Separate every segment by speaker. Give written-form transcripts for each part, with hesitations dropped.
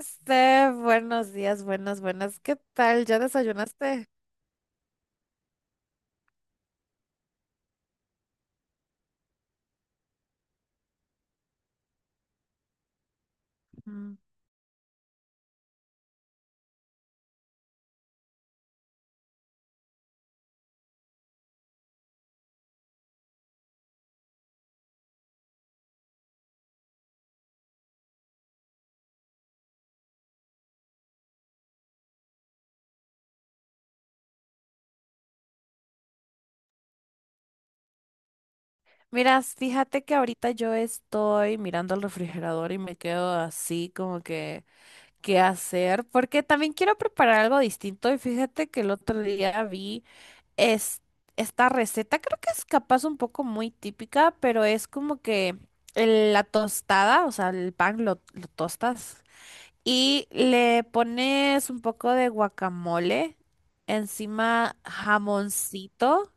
Speaker 1: Steph, buenos días, buenas, buenas. ¿Qué tal? ¿Ya desayunaste? Mm. Miras, fíjate que ahorita yo estoy mirando el refrigerador y me quedo así como que, ¿qué hacer? Porque también quiero preparar algo distinto y fíjate que el otro día vi es, esta receta, creo que es capaz un poco muy típica, pero es como que la tostada, o sea, el pan lo tostas. Y le pones un poco de guacamole, encima jamoncito.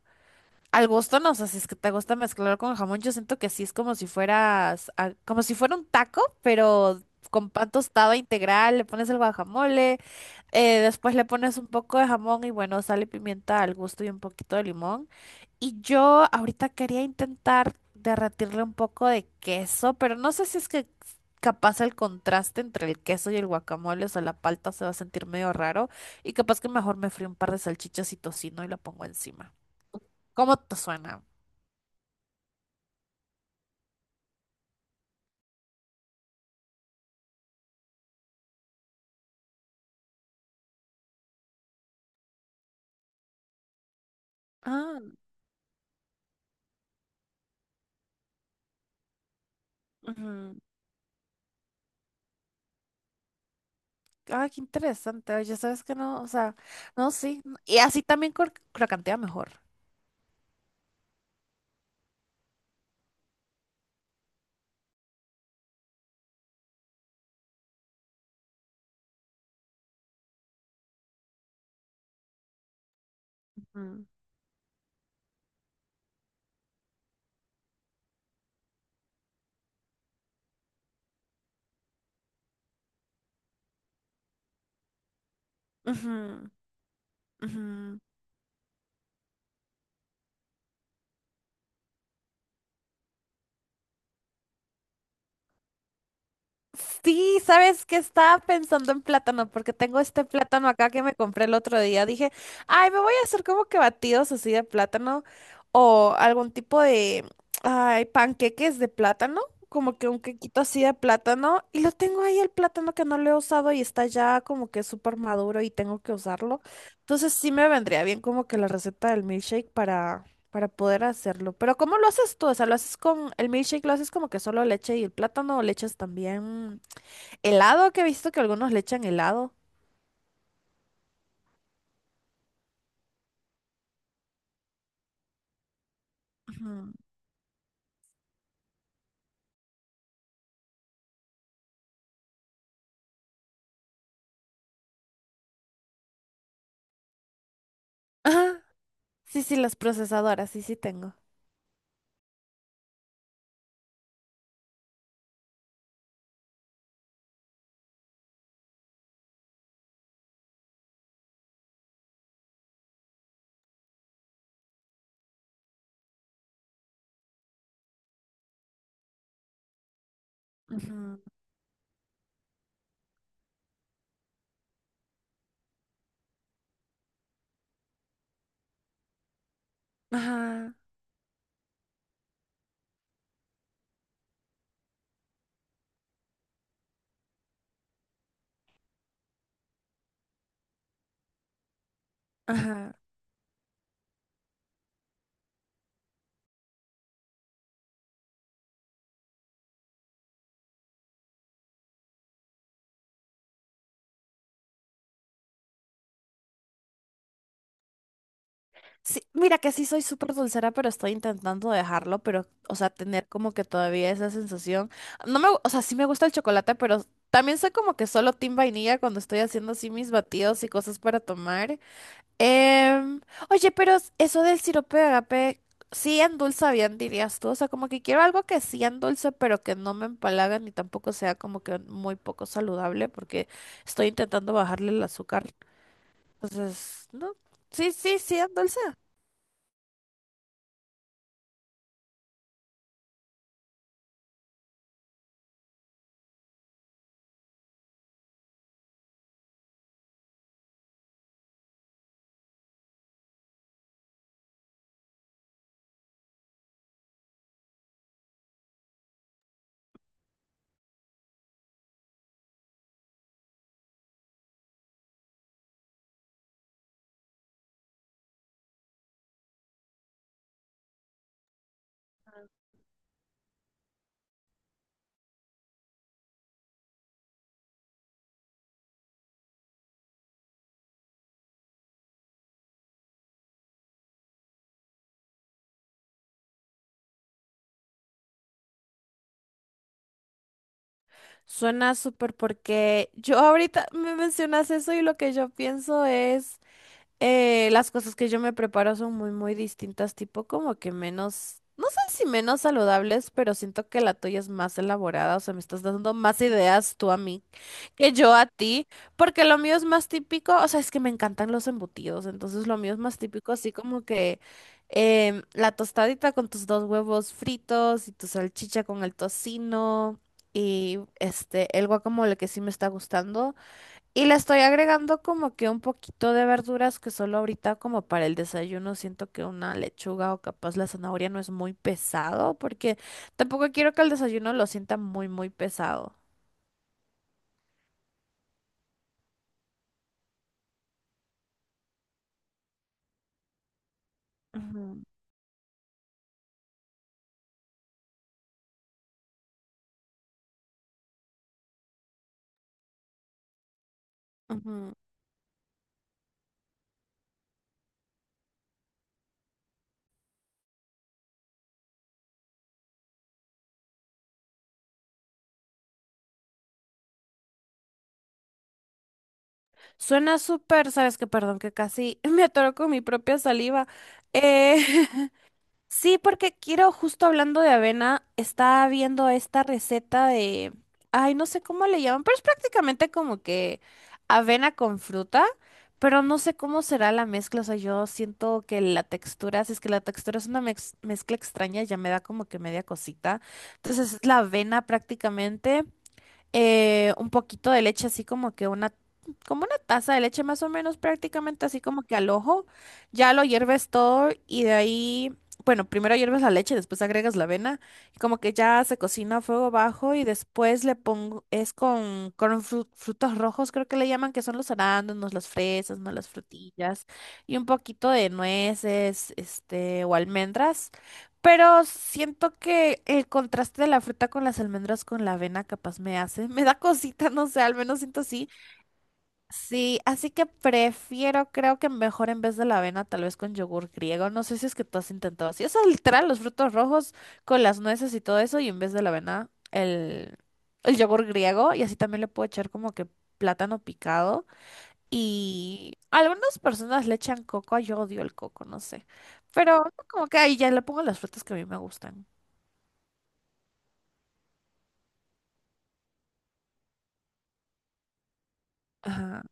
Speaker 1: Al gusto no sé si es que te gusta mezclar con jamón. Yo siento que sí es como si fueras, como si fuera un taco, pero con pan tostado integral, le pones el guacamole, después le pones un poco de jamón y bueno, sal y pimienta al gusto y un poquito de limón. Y yo ahorita quería intentar derretirle un poco de queso, pero no sé si es que capaz el contraste entre el queso y el guacamole, o sea, la palta se va a sentir medio raro y capaz que mejor me frío un par de salchichas y tocino y lo pongo encima. ¿Cómo te suena? Ah, ujú. Ah, qué interesante. Oye, sabes que no, o sea, no, sí. Y así también crocantea mejor. Ujú, ujú, ujú. Sí, ¿sabes qué? Estaba pensando en plátano, porque tengo este plátano acá que me compré el otro día. Dije, ay, me voy a hacer como que batidos así de plátano o algún tipo de, ay, panqueques de plátano, como que un quequito así de plátano. Y lo tengo ahí el plátano que no lo he usado y está ya como que súper maduro y tengo que usarlo. Entonces sí me vendría bien como que la receta del milkshake para poder hacerlo. Pero ¿cómo lo haces tú? O sea, ¿lo haces con el milkshake? ¿Lo haces como que solo leche y el plátano? ¿O le echas también helado? Que he visto que algunos le echan helado. Ujú. Ajá. Sí, sí, las procesadoras, sí, sí tengo. Ujú. Ajá, ajá. Sí, mira que sí soy súper dulcera, pero estoy intentando dejarlo, pero, o sea, tener como que todavía esa sensación. No me, o sea, sí me gusta el chocolate, pero también soy como que solo team vainilla cuando estoy haciendo así mis batidos y cosas para tomar. Em, Oye, pero eso del sirope de agape sí endulza bien, dirías tú. O sea, como que quiero algo que sí endulce, pero que no me empalaga ni tampoco sea como que muy poco saludable, porque estoy intentando bajarle el azúcar. Entonces, no. Sí, sí, sí, endulza. Suena súper porque yo ahorita me mencionas eso y lo que yo pienso es. Las cosas que yo me preparo son muy distintas, tipo como que menos, no sé si menos saludables, pero siento que la tuya es más elaborada, o sea, me estás dando más ideas tú a mí que yo a ti, porque lo mío es más típico, o sea, es que me encantan los embutidos, entonces lo mío es más típico, así como que la tostadita con tus dos huevos fritos y tu salchicha con el tocino. Y este, el guacamole que sí me está gustando. Y le estoy agregando como que un poquito de verduras que solo ahorita como para el desayuno siento que una lechuga o capaz la zanahoria no es muy pesado porque tampoco quiero que el desayuno lo sienta muy muy pesado. Ujú, ujú. Suena súper, sabes que perdón que casi me atoro con mi propia saliva. Eh, Sí, porque quiero, justo hablando de avena, estaba viendo esta receta de, ay, no sé cómo le llaman, pero es prácticamente como que avena con fruta, pero no sé cómo será la mezcla, o sea, yo siento que la textura, si es que la textura es una mezcla extraña, ya me da como que media cosita. Entonces es la avena prácticamente, un poquito de leche, así como que como una taza de leche más o menos, prácticamente así como que al ojo. Ya lo hierves todo y de ahí, bueno, primero hierves la leche, después agregas la avena, y como que ya se cocina a fuego bajo y después le pongo, es con frutos rojos, creo que le llaman, que son los arándanos, las fresas, no las frutillas, y un poquito de nueces, este, o almendras. Pero siento que el contraste de la fruta con las almendras con la avena capaz me hace, me da cosita, no sé, al menos siento así. Sí, así que prefiero, creo que mejor en vez de la avena, tal vez con yogur griego. No sé si es que tú has intentado así. O sea, literal, los frutos rojos con las nueces y todo eso, y en vez de la avena, el yogur griego. Y así también le puedo echar como que plátano picado. Y algunas personas le echan coco, yo odio el coco, no sé. Pero como que ahí ya le pongo las frutas que a mí me gustan. Ajá.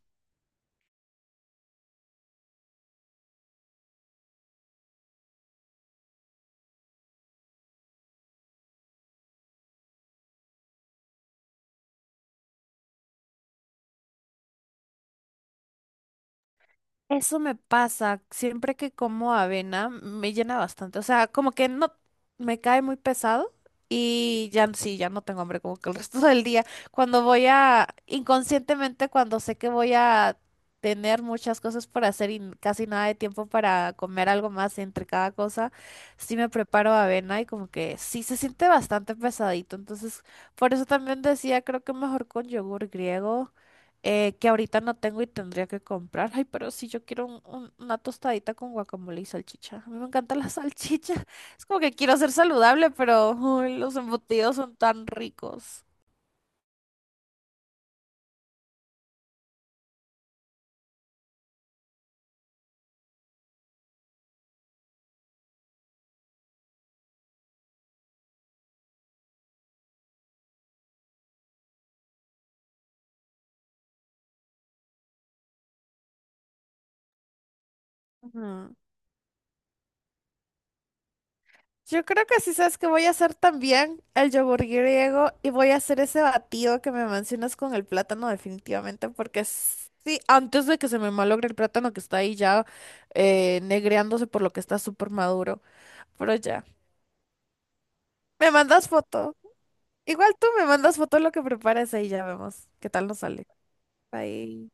Speaker 1: Eso me pasa. Siempre que como avena me llena bastante. O sea, como que no me cae muy pesado y ya sí, ya no tengo hambre como que el resto del día. Cuando voy a, inconscientemente, cuando sé que voy a tener muchas cosas por hacer y casi nada de tiempo para comer algo más entre cada cosa, sí me preparo avena y como que sí se siente bastante pesadito. Entonces, por eso también decía, creo que mejor con yogur griego. Que ahorita no tengo y tendría que comprar. Ay, pero si yo quiero una tostadita con guacamole y salchicha. A mí me encanta la salchicha. Es como que quiero ser saludable, pero uy, los embutidos son tan ricos. Ujú. Yo creo que sí sabes que voy a hacer también el yogur griego y voy a hacer ese batido que me mencionas con el plátano definitivamente porque sí, antes de que se me malogre el plátano que está ahí ya negreándose por lo que está súper maduro, pero ya, me mandas foto. Igual tú me mandas foto de lo que preparas ahí ya vemos qué tal nos sale. Bye.